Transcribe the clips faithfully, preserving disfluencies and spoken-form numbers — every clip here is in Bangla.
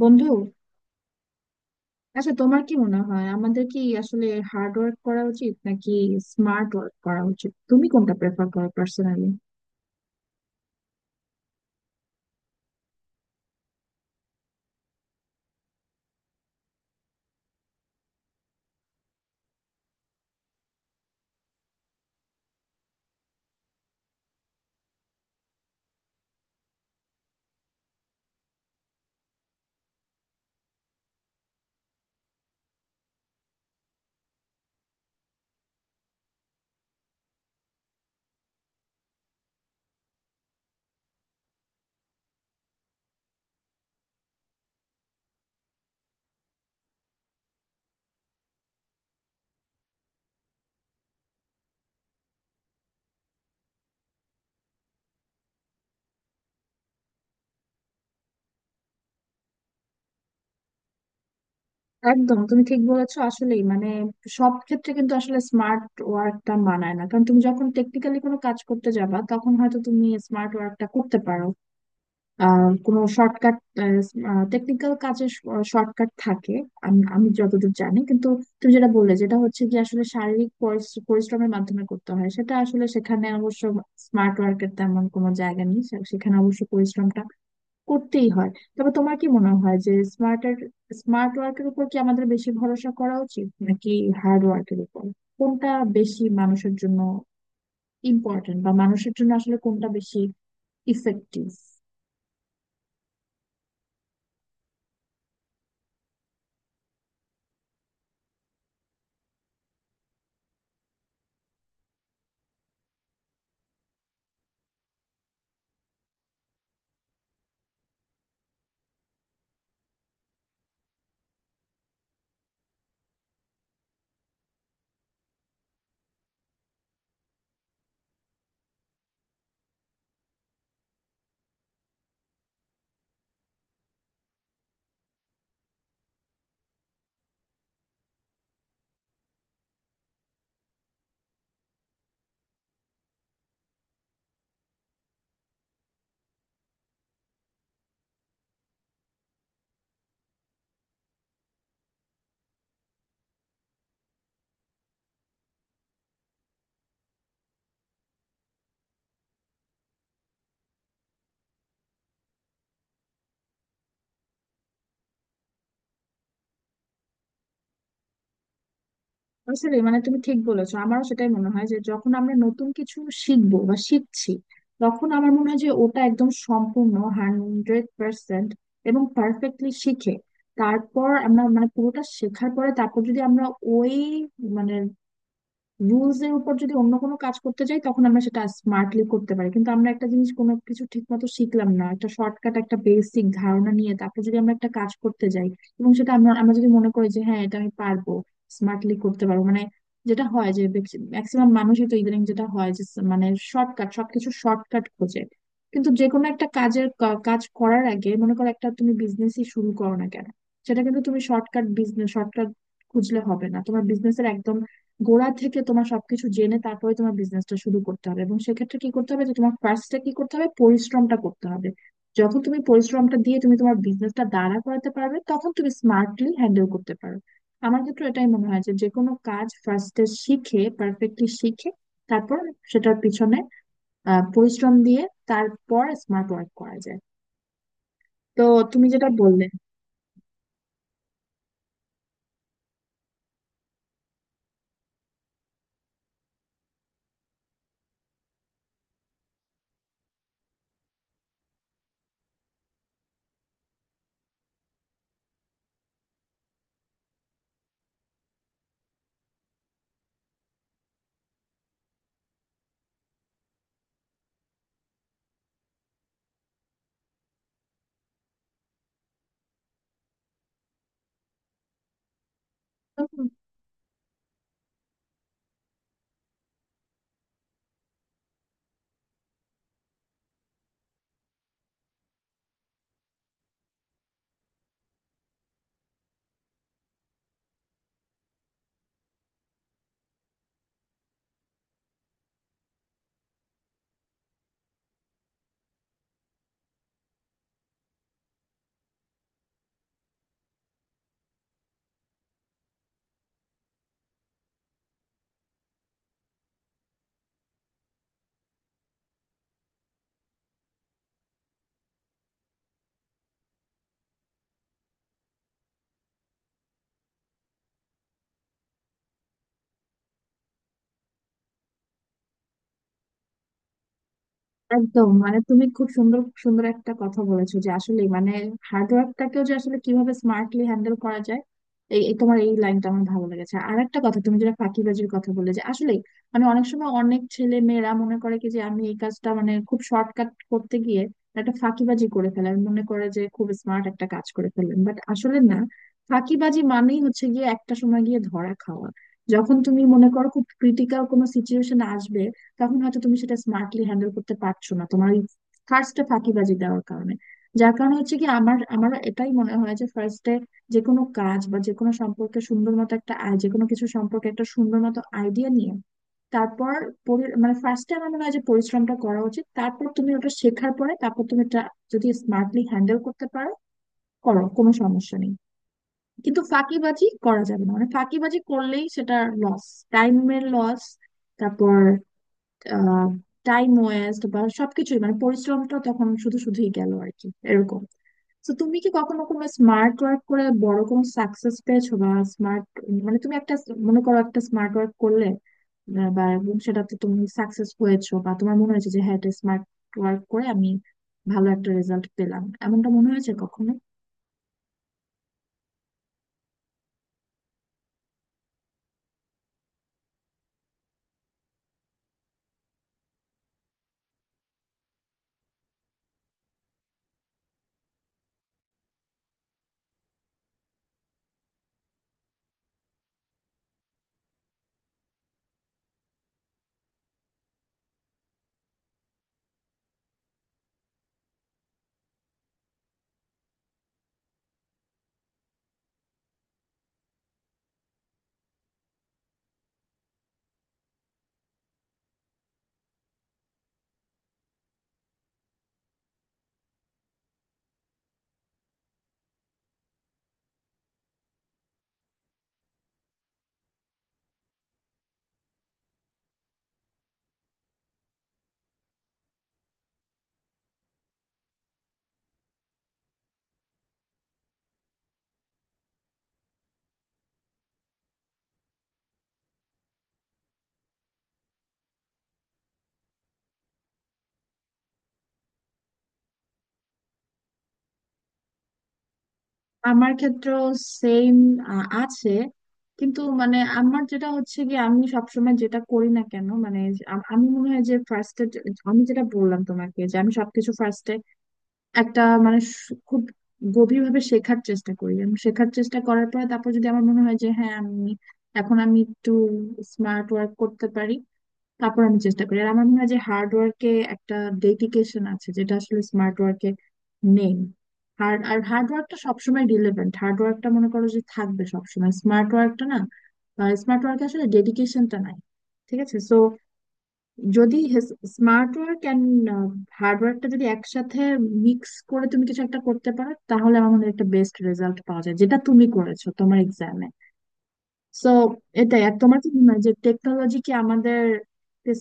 বন্ধু, আচ্ছা তোমার কি মনে হয় আমাদের কি আসলে হার্ড ওয়ার্ক করা উচিত নাকি স্মার্ট ওয়ার্ক করা উচিত? তুমি কোনটা প্রেফার করো পার্সোনালি? একদম, তুমি ঠিক বলেছো। আসলেই মানে সব ক্ষেত্রে কিন্তু আসলে স্মার্ট ওয়ার্কটা মানায় না, কারণ তুমি যখন টেকনিক্যালি কোনো কাজ করতে যাবা তখন হয়তো তুমি স্মার্ট ওয়ার্কটা করতে পারো। আহ কোনো শর্টকাট, টেকনিক্যাল কাজের শর্টকাট থাকে আমি আমি যতদূর জানি। কিন্তু তুমি যেটা বললে, যেটা হচ্ছে যে আসলে শারীরিক পরিস- পরিশ্রমের মাধ্যমে করতে হয়, সেটা আসলে সেখানে অবশ্য স্মার্ট ওয়ার্কের তেমন কোনো জায়গা নেই, সে- সেখানে অবশ্য পরিশ্রমটা করতেই হয়। তবে তোমার কি মনে হয় যে স্মার্টের স্মার্ট ওয়ার্কের উপর কি আমাদের বেশি ভরসা করা উচিত নাকি হার্ড ওয়ার্কের উপর? কোনটা বেশি মানুষের জন্য ইম্পর্টেন্ট, বা মানুষের জন্য আসলে কোনটা বেশি ইফেক্টিভ? আসলে মানে তুমি ঠিক বলেছো, আমারও সেটাই মনে হয় যে যখন আমরা নতুন কিছু শিখবো বা শিখছি তখন আমার মনে হয় যে ওটা একদম সম্পূর্ণ হান্ড্রেড পার্সেন্ট এবং পারফেক্টলি শিখে, তারপর আমরা মানে পুরোটা শেখার পরে তারপর যদি আমরা ওই মানে রুলস এর উপর যদি অন্য কোনো কাজ করতে যাই তখন আমরা সেটা স্মার্টলি করতে পারি। কিন্তু আমরা একটা জিনিস কোনো কিছু ঠিক মতো শিখলাম না, একটা শর্টকাট একটা বেসিক ধারণা নিয়ে তারপর যদি আমরা একটা কাজ করতে যাই এবং সেটা আমরা আমরা যদি মনে করি যে হ্যাঁ এটা আমি পারবো, স্মার্টলি করতে পারবো, মানে যেটা হয় যে ম্যাক্সিমাম মানুষই তো ইদানিং যেটা হয় যে স- মানে শর্টকাট, সবকিছু শর্টকাট খোঁজে। কিন্তু যে কোনো একটা কাজের কা- কাজ করার আগে মনে করো একটা তুমি বিজনেসই শুরু করো না কেন, সেটা কিন্তু তুমি শর্টকাট, বিজনেস শর্টকাট খুঁজলে হবে না, তোমার বিজনেসের একদম গোড়া থেকে তোমার সবকিছু জেনে তারপরে তোমার বিজনেসটা শুরু করতে হবে। এবং সেক্ষেত্রে কি করতে হবে যে তোমার ফার্স্টে কি করতে হবে, পরিশ্রমটা করতে হবে। যখন তুমি পরিশ্রমটা দিয়ে তুমি তোমার বিজনেসটা দাঁড়া করাতে পারবে তখন তুমি স্মার্টলি হ্যান্ডেল করতে পারো। আমার ক্ষেত্রে এটাই মনে হয় যে যে কোনো কাজ ফার্স্টে শিখে, পারফেক্টলি শিখে, তারপর সেটার পিছনে আহ, পরিশ্রম দিয়ে তারপর স্মার্ট ওয়ার্ক করা যায়। তো তুমি যেটা বললে, একদম মানে তুমি খুব সুন্দর সুন্দর একটা কথা বলেছো যে আসলে মানে হার্ডওয়ার্কটাকেও যে আসলে কিভাবে স্মার্টলি হ্যান্ডেল করা যায়, এই এই তোমার এই লাইনটা আমার ভালো লেগেছে। আর একটা কথা তুমি যেটা ফাঁকিবাজির কথা বলে, যে আসলে মানে অনেক সময় অনেক ছেলে মেয়েরা মনে করে কি, যে আমি এই কাজটা মানে খুব শর্টকাট করতে গিয়ে একটা ফাঁকিবাজি করে ফেলে, আমি মনে করে যে খুব স্মার্ট একটা কাজ করে ফেললেন, বাট আসলে না। ফাঁকিবাজি মানেই হচ্ছে গিয়ে একটা সময় গিয়ে ধরা খাওয়া। যখন তুমি মনে করো খুব ক্রিটিক্যাল কোনো সিচুয়েশন আসবে তখন হয়তো তুমি সেটা স্মার্টলি হ্যান্ডেল করতে পারছো না তোমার ওই ফার্স্টে ফাঁকিবাজি দেওয়ার কারণে। যার কারণে হচ্ছে কি, আমার আমার এটাই মনে হয় যে ফার্স্টে যে কোনো কাজ বা যে কোনো সম্পর্কে সুন্দর মতো একটা আই, যে কোনো কিছু সম্পর্কে একটা সুন্দর মতো আইডিয়া নিয়ে তারপর পরি- মানে ফার্স্টে আমার মনে হয় যে পরিশ্রমটা করা উচিত, তারপর তুমি ওটা শেখার পরে তারপর তুমি এটা যদি স্মার্টলি হ্যান্ডেল করতে পারো, করো, কোনো সমস্যা নেই। কিন্তু ফাঁকিবাজি করা যাবে না, মানে ফাঁকিবাজি করলেই সেটা লস, টাইমের লস, তারপর টাইম ওয়েস্ট, বা সবকিছুই মানে পরিশ্রমটা তখন শুধু শুধুই গেল আর কি, এরকম। তো তুমি কি কখনো কোনো স্মার্ট ওয়ার্ক করে বড় কোনো সাকসেস পেয়েছো, বা স্মার্ট মানে তুমি একটা, মনে করো একটা স্মার্ট ওয়ার্ক করলে আহ, বা এবং সেটাতে তুমি সাকসেস হয়েছো বা তোমার মনে হয়েছে যে হ্যাঁ এটা স্মার্ট ওয়ার্ক করে আমি ভালো একটা রেজাল্ট পেলাম, এমনটা মনে হয়েছে কখনো? আমার ক্ষেত্রেও সেম আছে, কিন্তু মানে আমার যেটা হচ্ছে কি আমি সবসময় যেটা করি না কেন মানে যে আম- আমি মনে হয় যে ফার্স্টে, আমি যেটা বললাম তোমাকে, যে আমি সবকিছু ফার্স্টে একটা মানে সু- খুব গভীরভাবে শেখার চেষ্টা করি। আমি শেখার চেষ্টা করার পর তারপর যদি আমার মনে হয় যে হ্যাঁ আমি এখন আমি একটু স্মার্ট ওয়ার্ক করতে পারি, তারপর আমি চেষ্টা করি। আর আমার মনে হয় যে হার্ড ওয়ার্কে একটা ডেডিকেশন আছে যেটা আসলে স্মার্ট ওয়ার্কে নেই। হার্ড আর হার্ড ওয়ার্কটা সবসময় রিলেভেন্ট, হার্ড ওয়ার্কটা মনে করো যে থাকবে সবসময়, স্মার্ট ওয়ার্কটা না। স্মার্ট ওয়ার্কে আসলে ডেডিকেশনটা নাই, ঠিক আছে? সো যদি স্মার্ট ওয়ার্ক অ্যান্ড হার্ড ওয়ার্কটা যদি একসাথে মিক্স করে তুমি কিছু একটা করতে পারো তাহলে আমার মনে হয় একটা বেস্ট রেজাল্ট পাওয়া যায়, যেটা তুমি করেছো তোমার এক্সামে। সো এটাই। আর তোমার কি মনে হয় যে টেকনোলজি কি আমাদের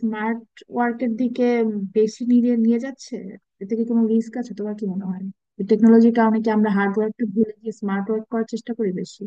স্মার্ট ওয়ার্কের দিকে বেশি নিয়ে নিয়ে যাচ্ছে? এতে কি কোনো রিস্ক আছে, তোমার কি মনে হয়? টেকনোলজির কারণে কি আমরা হার্ড ওয়ার্কটা ভুলে গিয়ে স্মার্ট ওয়ার্ক করার চেষ্টা করি বেশি?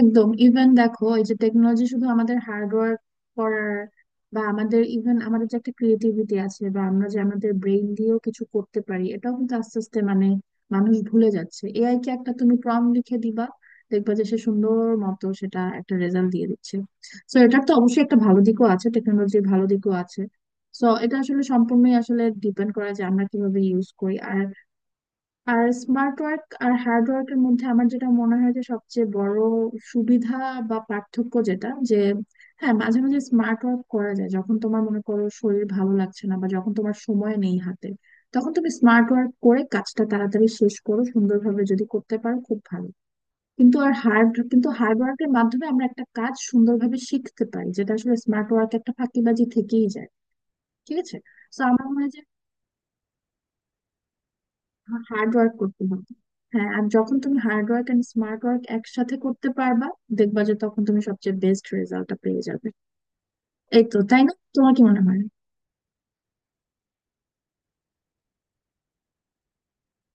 একদম, ইভেন দেখো এই যে টেকনোলজি শুধু আমাদের হার্ডওয়ার্ক করার বা আমাদের ইভেন আমাদের যে একটা ক্রিয়েটিভিটি আছে বা আমরা যে আমাদের ব্রেইন দিয়েও কিছু করতে পারি এটাও কিন্তু আস্তে আস্তে মানে মানুষ ভুলে যাচ্ছে। এআই কে একটা তুমি প্রম্পট লিখে দিবা, দেখবা যে সে সুন্দর মতো সেটা একটা রেজাল্ট দিয়ে দিচ্ছে। সো এটার তো অবশ্যই একটা ভালো দিকও আছে, টেকনোলজির ভালো দিকও আছে। সো এটা আসলে সম্পূর্ণই আসলে ডিপেন্ড করা যে আমরা কিভাবে ইউজ করি। আর আর স্মার্ট ওয়ার্ক আর হার্ড ওয়ার্কের মধ্যে আমার যেটা মনে হয় যে সবচেয়ে বড় সুবিধা বা পার্থক্য যেটা, যে হ্যাঁ মাঝে মাঝে স্মার্ট ওয়ার্ক করা যায় যখন তোমার মনে করো শরীর ভালো লাগছে না বা যখন তোমার সময় নেই হাতে, তখন তুমি স্মার্ট ওয়ার্ক করে কাজটা তাড়াতাড়ি শেষ করো, সুন্দরভাবে যদি করতে পারো খুব ভালো। কিন্তু আর হার্ড, কিন্তু হার্ড ওয়ার্কের মাধ্যমে আমরা একটা কাজ সুন্দরভাবে শিখতে পারি, যেটা আসলে স্মার্ট ওয়ার্ক একটা ফাঁকিবাজি থেকেই যায়। ঠিক আছে? তো আমার মনে হয় হার্ড ওয়ার্ক করতে হবে। হ্যাঁ, আর যখন তুমি hard work and smart work একসাথে করতে পারবা, দেখবা যে তখন তুমি সবচেয়ে বেস্ট রেজাল্টটা পেয়ে যাবে। এই তো, তাই না? তোমার কি মনে হয়?